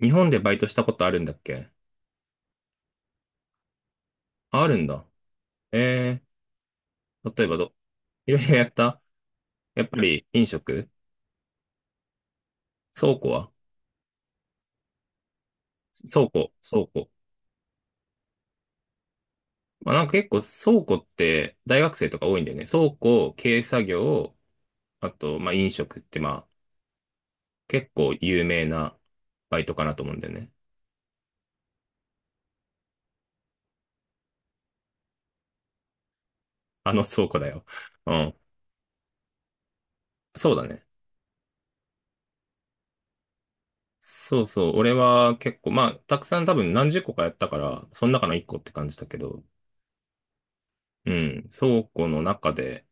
日本でバイトしたことあるんだっけ？ああるんだ。え例えばいろいろやった？やっぱり飲食？倉庫は？倉庫。まあ、なんか結構倉庫って大学生とか多いんだよね。倉庫、軽作業、あと、まあ、飲食ってまあ、結構有名なバイトかなと思うんだよね。あの倉庫だよ。うん。そうだね。そうそう。俺は結構、まあ、たくさん多分何十個かやったから、その中の一個って感じだけど。うん。倉庫の中で、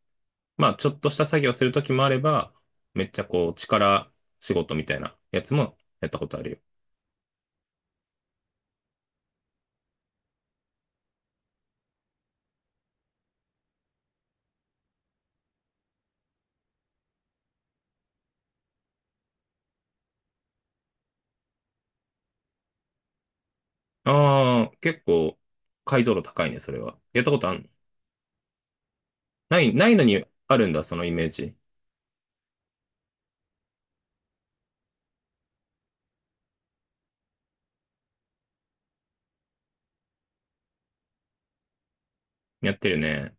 まあ、ちょっとした作業するときもあれば、めっちゃこう、力仕事みたいなやつもやったことあるよ。ああ、結構、解像度高いね、それは。やったことあんの？ない、ないのにあるんだ、そのイメージ。やってるね。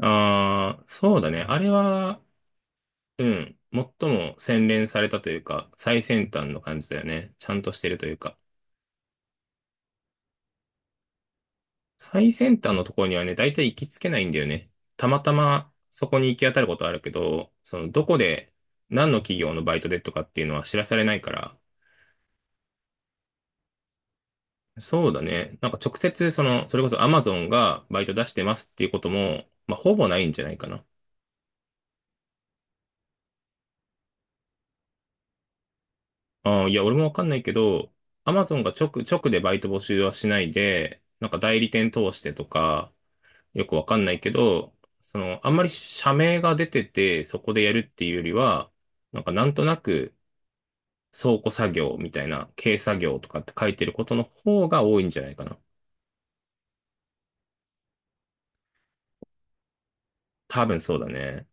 ああ、そうだね。あれは、うん、最も洗練されたというか、最先端の感じだよね。ちゃんとしてるというか。最先端のところにはね、大体行きつけないんだよね。たまたまそこに行き当たることはあるけど、そのどこで何の企業のバイトでとかっていうのは知らされないから。そうだね。なんか直接その、それこそ Amazon がバイト出してますっていうことも、まあほぼないんじゃないかな。あーいや、俺もわかんないけど、Amazon が直でバイト募集はしないで、なんか代理店通してとか、よくわかんないけど、その、あんまり社名が出てて、そこでやるっていうよりは、なんかなんとなく、倉庫作業みたいな、軽作業とかって書いてることの方が多いんじゃないかな。多分そうだね。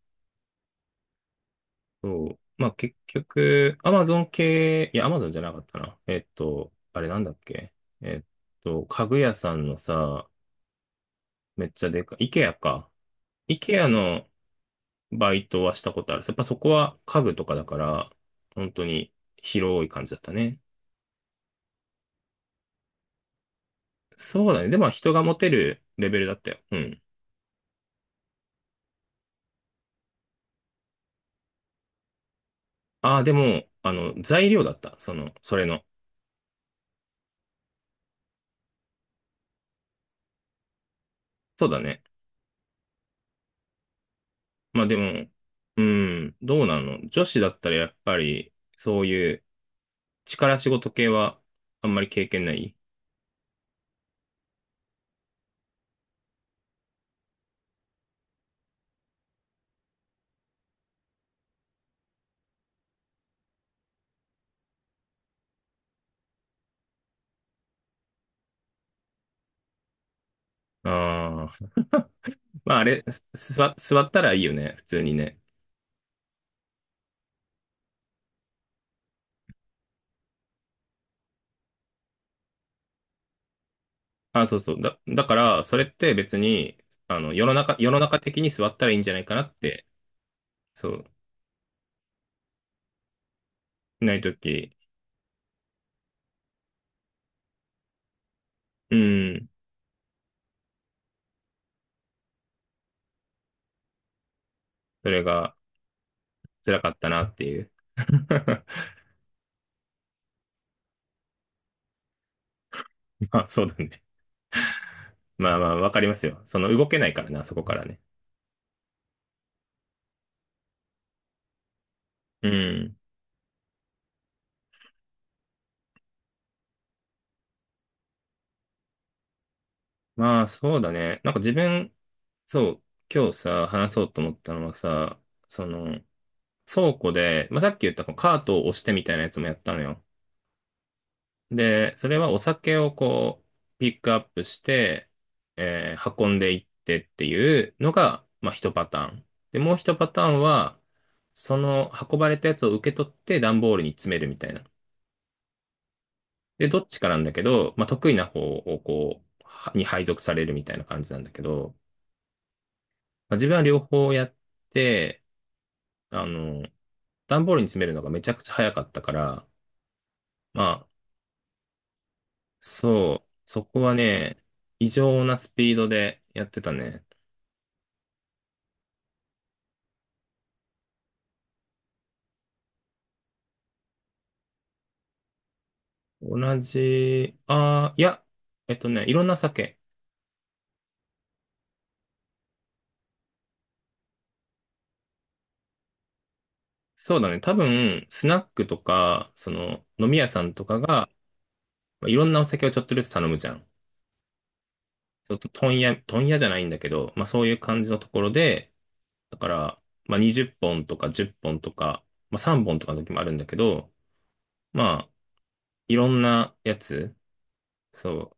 そう。まあ結局、Amazon 系、いや、Amazon じゃなかったな。えっと、あれなんだっけ。えっ家具屋さんのさ、めっちゃでかい、IKEA か。IKEA のバイトはしたことある。やっぱそこは家具とかだから、本当に広い感じだったね。そうだね。でも人が持てるレベルだったよ。うん。ああ、でも、あの、材料だった。その、それの。そうだね。まあでも、うん、どうなの？女子だったらやっぱり、そういう力仕事系はあんまり経験ない？ああ、まああれ、座ったらいいよね、普通にね。あ、そうそう。だから、それって別に、あの、世の中的に座ったらいいんじゃないかなって。そう、ないとき、うん、それが辛かったなっていう。まあそうだね。まあまあ、わかりますよ。その動けないからな、そこからね。うん。まあ、そうだね。なんか自分、そう、今日さ、話そうと思ったのはさ、その、倉庫で、まあ、さっき言ったこうカートを押してみたいなやつもやったのよ。で、それはお酒をこう、ピックアップして、運んでいってっていうのが、まあ、一パターン。で、もう一パターンは、その運ばれたやつを受け取って段ボールに詰めるみたいな。で、どっちかなんだけど、まあ、得意な方をこう、はに配属されるみたいな感じなんだけど、まあ、自分は両方やって、あの、段ボールに詰めるのがめちゃくちゃ早かったから。まあ、そう、そこはね、異常なスピードでやってたね。同じ、ああ、いや、えっとね、いろんな酒。そうだね、多分、スナックとか、その、飲み屋さんとかが、まあいろんなお酒をちょっとずつ頼むじゃん。ちょっと問屋じゃないんだけど、まあそういう感じのところで、だから、まあ20本とか10本とか、まあ3本とかの時もあるんだけど、まあ、いろんなやつ、そう、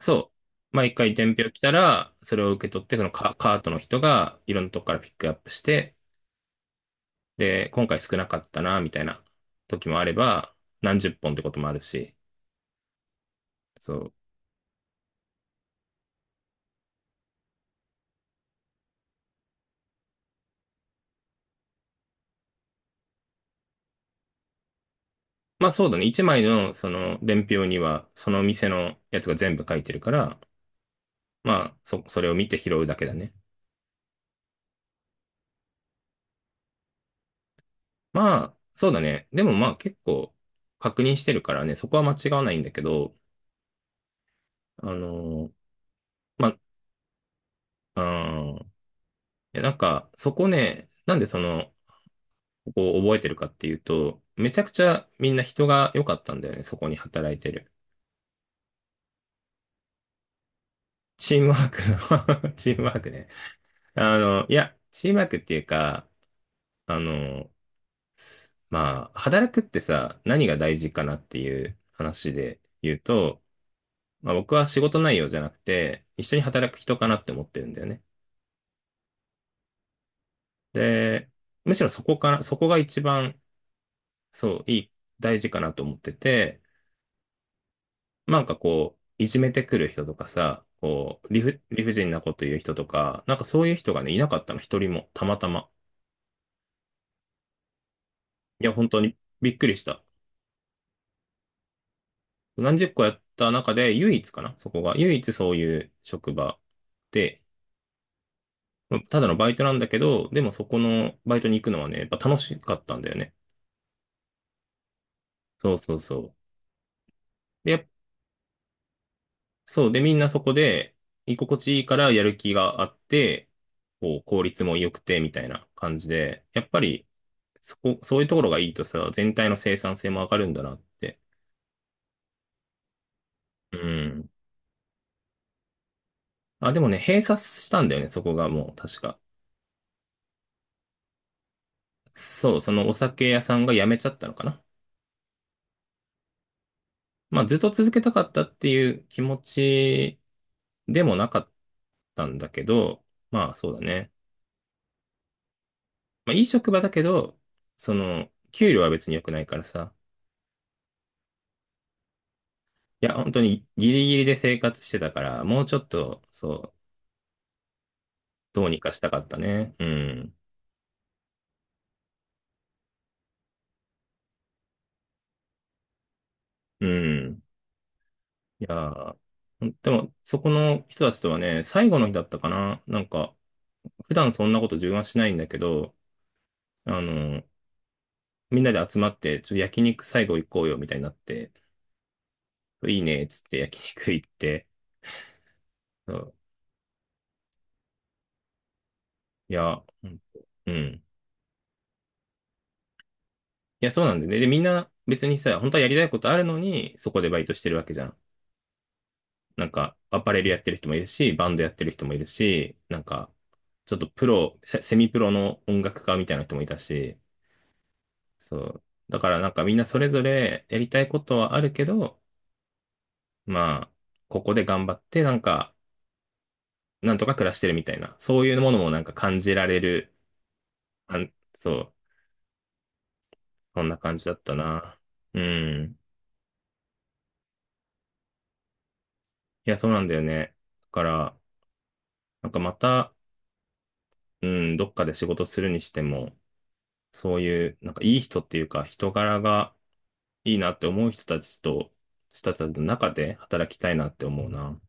そう。毎回伝票来たら、それを受け取って、そのカートの人がいろんなとこからピックアップして、で、今回少なかったな、みたいな時もあれば、何十本ってこともあるし。そう。まあそうだね。一枚のその伝票には、その店のやつが全部書いてるから、まあ、それを見て拾うだけだね。まあ、そうだね。でもまあ結構確認してるからね、そこは間違わないんだけど。あのーまあ、うん。で、なんか、そこね、なんでその、ここを覚えてるかっていうと、めちゃくちゃみんな人が良かったんだよね、そこに働いてる。チームワーク。 チームワークね。あの、いや、チームワークっていうか、あの、まあ、働くってさ、何が大事かなっていう話で言うと、まあ、僕は仕事内容じゃなくて、一緒に働く人かなって思ってるんだよね。で、むしろそこから、そこが一番、そう、いい、大事かなと思ってて、なんかこう、いじめてくる人とかさ、こう、理不尽なこと言う人とか、なんかそういう人がね、いなかったの、一人も、たまたま。いや、本当にびっくりした。何十個やった中で、唯一かな、そこが。唯一そういう職場で、まあただのバイトなんだけど、でもそこのバイトに行くのはね、やっぱ楽しかったんだよね。そうそうそう。でやっそう。で、みんなそこで、居心地いいからやる気があって、こう、効率も良くて、みたいな感じで、やっぱり、そこ、そういうところがいいとさ、全体の生産性も上がるんだなって。うん。あ、でもね、閉鎖したんだよね、そこがもう、確か。そう、そのお酒屋さんが辞めちゃったのかな。まあ、ずっと続けたかったっていう気持ちでもなかったんだけど、まあ、そうだね。まあ、いい職場だけど、その、給料は別に良くないからさ。いや、本当にギリギリで生活してたから、もうちょっと、そう、どうにかしたかったね。うん。うん。いやー、でも、そこの人たちとはね、最後の日だったかな。なんか、普段そんなこと自分はしないんだけど、あの、みんなで集まって、ちょっと焼肉最後行こうよ、みたいになって、いいね、っつって焼肉行って、そう。いや、うんうん。いや、そうなんだよね。で、みんな別にさ、本当はやりたいことあるのに、そこでバイトしてるわけじゃん。なんか、アパレルやってる人もいるし、バンドやってる人もいるし、なんか、ちょっとプロ、セセミプロの音楽家みたいな人もいたし。そう。だからなんかみんなそれぞれやりたいことはあるけど、まあ、ここで頑張って、なんか、なんとか暮らしてるみたいな、そういうものもなんか感じられる、あん、そう、そんな感じだったな。うん。いや、そうなんだよね。だから、なんかまた、うん、どっかで仕事するにしても、そういう、なんかいい人っていうか、人柄が、いいなって思う人たちと、人たちの中で働きたいなって思うな。